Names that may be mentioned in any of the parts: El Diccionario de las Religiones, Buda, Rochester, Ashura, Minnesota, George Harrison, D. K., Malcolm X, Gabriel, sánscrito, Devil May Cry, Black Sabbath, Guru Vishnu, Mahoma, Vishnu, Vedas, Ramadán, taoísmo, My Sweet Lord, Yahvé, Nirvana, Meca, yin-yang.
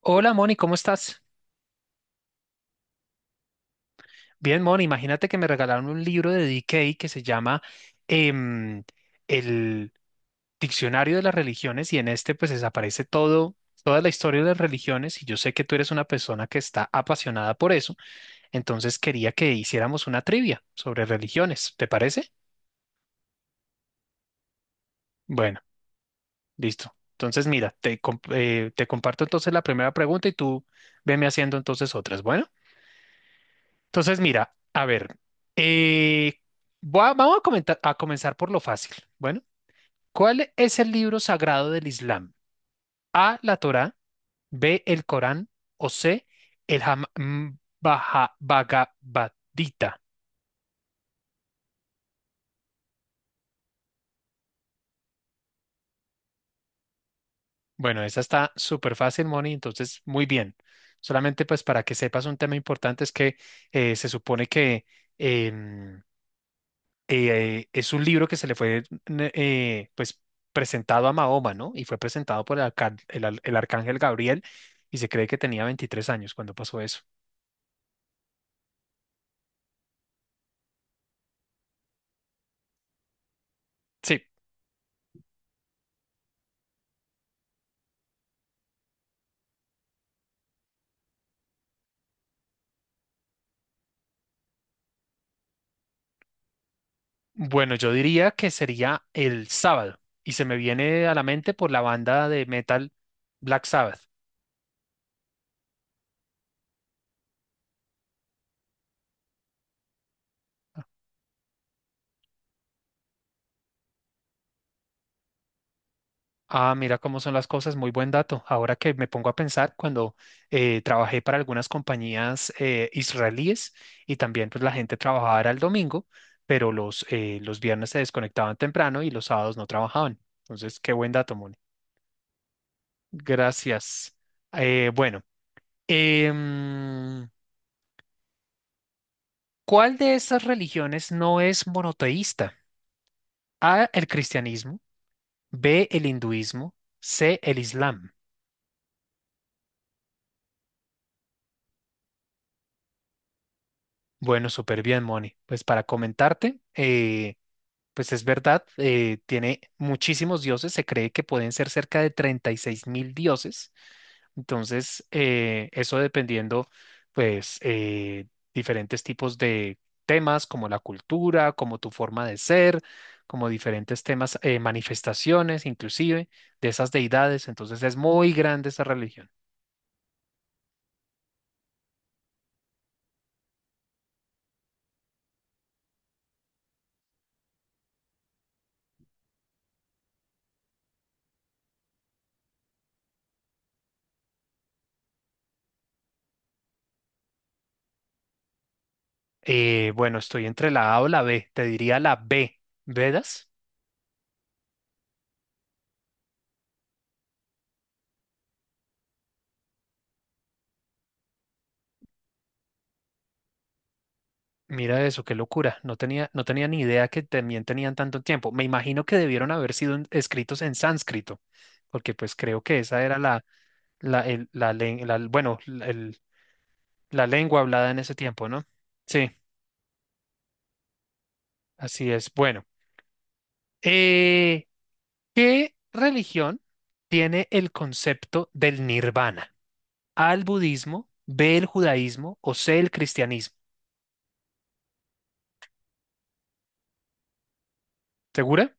Hola Moni, ¿cómo estás? Bien, Moni, imagínate que me regalaron un libro de D. K. que se llama em, el Diccionario de las Religiones y en este pues desaparece todo, toda la historia de las religiones y yo sé que tú eres una persona que está apasionada por eso, entonces quería que hiciéramos una trivia sobre religiones, ¿te parece? Bueno, listo. Entonces mira, te comparto entonces la primera pregunta y tú veme haciendo entonces otras. Bueno, entonces, mira, a ver, eh, vamos a comenzar por lo fácil. Bueno, ¿cuál es el libro sagrado del Islam? A, la Torá, B, el Corán o C, el Bhagavad Gita. Bueno, esa está súper fácil, Moni, entonces muy bien. Solamente pues para que sepas un tema importante es que se supone que em, es un libro que se le fue pues presentado a Mahoma, ¿no? Y fue presentado por el, arca- el al- el arcángel Gabriel y se cree que tenía 23 años cuando pasó eso. Sí, bueno, yo diría que sería el sábado y se me viene a la mente por la banda de metal Black Sabbath. Ah, mira cómo son las cosas, muy buen dato. Ahora que me pongo a pensar, cuando trabajé para algunas compañías israelíes y también pues la gente trabajaba era el domingo, pero los viernes se desconectaban temprano y los sábados no trabajaban. Entonces, qué buen dato, Moni. Gracias. Bueno, em, ¿cuál de estas religiones no es monoteísta? A, el cristianismo, B, el hinduismo, C, el islam. Bueno, súper bien, Moni. Pues para comentarte, pues es verdad, tiene muchísimos dioses, se cree que pueden ser cerca de 36.000 dioses. Entonces, eso dependiendo, pues, diferentes tipos de temas como la cultura, como tu forma de ser, como diferentes temas, manifestaciones inclusive de esas deidades. Entonces, es muy grande esa religión. Bueno, estoy entre la A o la B, te diría la B, ¿Vedas? Mira eso, qué locura. No tenía, no tenía ni idea que también tenían tanto tiempo. Me imagino que debieron haber sido escritos en sánscrito, porque pues creo que esa era la bueno, la lengua hablada en ese tiempo, ¿no? Sí, así es. Bueno, eh, ¿qué religión tiene el concepto del nirvana? ¿A el budismo, B el judaísmo o C el cristianismo? ¿Segura?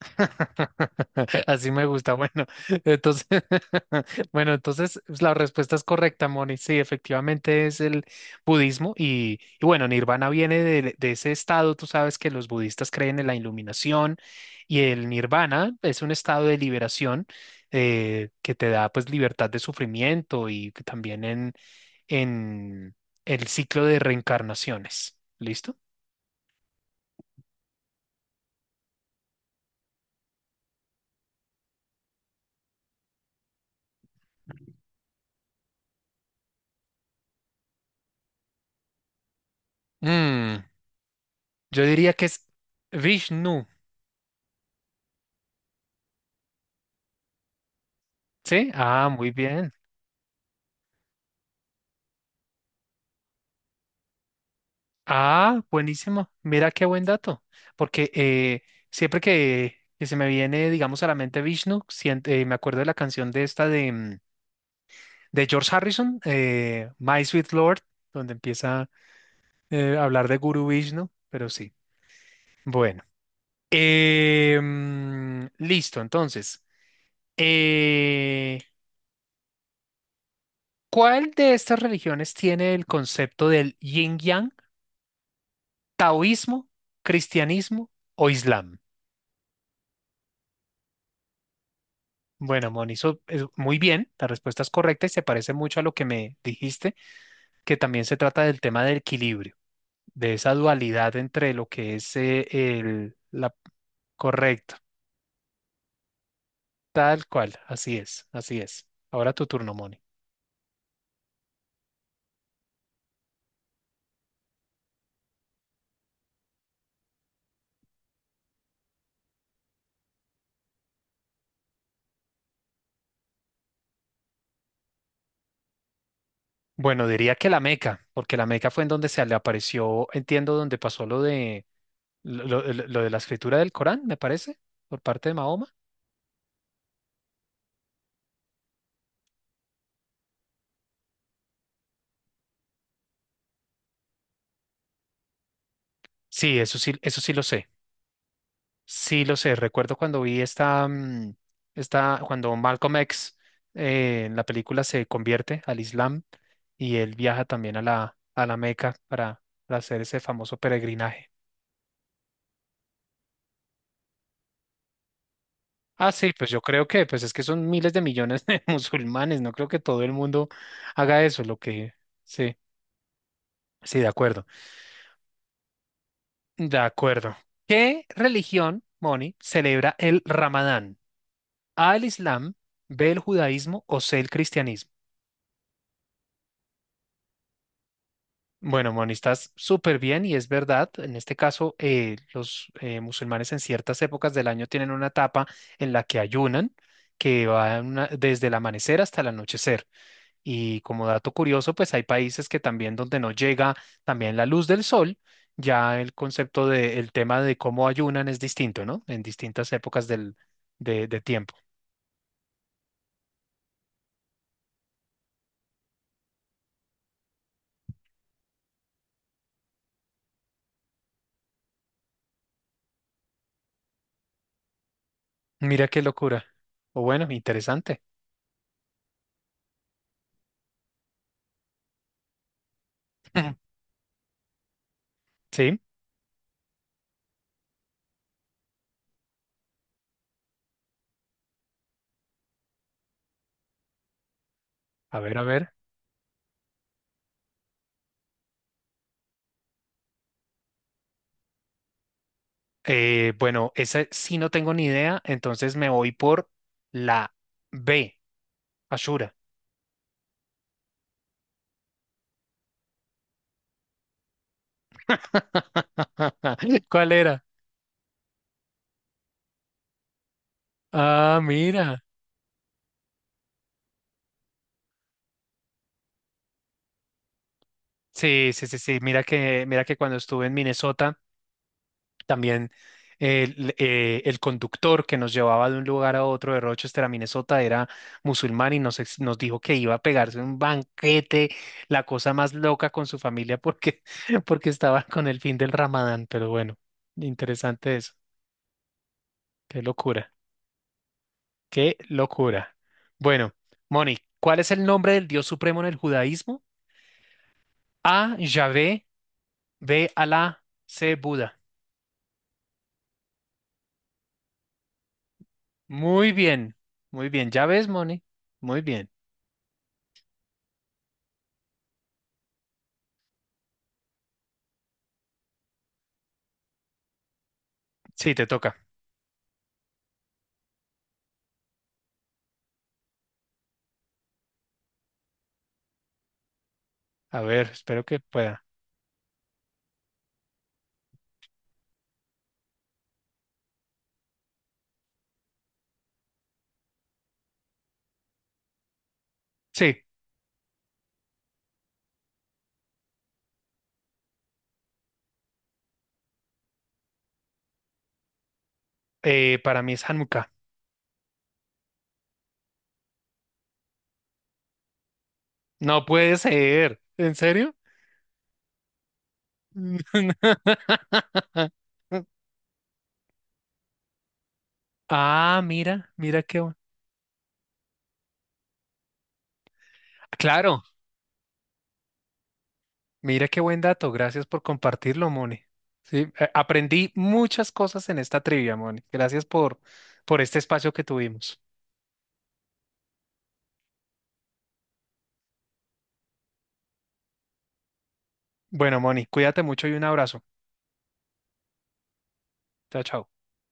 Así me gusta. Bueno, entonces, bueno, entonces pues, la respuesta es correcta, Moni. Sí, efectivamente es el budismo y bueno, Nirvana viene de ese estado. Tú sabes que los budistas creen en la iluminación y el Nirvana es un estado de liberación que te da pues libertad de sufrimiento y que también en el ciclo de reencarnaciones. ¿Listo? Mm, yo diría que es Vishnu. Sí, ah, muy bien. Ah, buenísimo. Mira qué buen dato. Porque siempre que se me viene, digamos, a la mente Vishnu, me acuerdo de la canción de esta de George Harrison, My Sweet Lord, donde empieza a hablar de Guru Vishnu, pero sí. Bueno. Listo. Entonces, eh, ¿cuál de estas religiones tiene el concepto del yin-yang, taoísmo, cristianismo o islam? Bueno, Moni, eso es muy bien, la respuesta es correcta y se parece mucho a lo que me dijiste, que también se trata del tema del equilibrio, de esa dualidad entre lo que es el, la... Correcto, tal cual, así es, así es. Ahora tu turno, Moni. Bueno, diría que la Meca, porque la Meca fue en donde se le apareció, entiendo, donde pasó lo de lo de la escritura del Corán, me parece, por parte de Mahoma. Sí, eso sí, eso sí lo sé. Sí, lo sé. Recuerdo cuando vi esta, cuando Malcolm X en la película se convierte al Islam y él viaja también a la Meca para hacer ese famoso peregrinaje. Ah, sí, pues yo creo que, pues es que son miles de millones de musulmanes. No creo que todo el mundo haga eso. Lo que, sí, sí, de acuerdo. De acuerdo. ¿Qué religión, Moni, celebra el Ramadán? ¿A el Islam, B el judaísmo o C el cristianismo? Bueno, Moni, estás súper bien y es verdad. En este caso, los musulmanes en ciertas épocas del año tienen una etapa en la que ayunan, que va desde el amanecer hasta el anochecer. Y como dato curioso, pues hay países que también donde no llega también la luz del sol, ya el concepto de, el tema de cómo ayunan es distinto, ¿no? En distintas épocas de tiempo. Mira qué locura. O bueno, interesante. Sí, a ver, a ver. Bueno, esa sí no tengo ni idea, entonces me voy por la B, Ashura. ¿Cuál era? Ah, mira. Sí, sí, sí, sí. Mira que cuando estuve en Minnesota, también el conductor que nos llevaba de un lugar a otro de Rochester a Minnesota era musulmán y nos dijo que iba a pegarse un banquete, la cosa más loca con su familia porque, porque estaba con el fin del Ramadán. Pero bueno, interesante eso. Qué locura, qué locura. Bueno, Moni, ¿cuál es el nombre del Dios supremo en el judaísmo? A, Yahvé, B, Alá, C, Buda. Muy bien, muy bien. ¿Ya ves, Moni? Muy bien. Sí, te toca. A ver, espero que pueda. Sí, para mí es Hanukkah. No puede ser. ¿En serio? Ah, mira, mira qué bueno. Claro, mira qué buen dato, gracias por compartirlo, Moni. Sí, aprendí muchas cosas en esta trivia, Moni. Gracias por este espacio que tuvimos. Bueno, Moni, cuídate mucho y un abrazo. Chao, chao.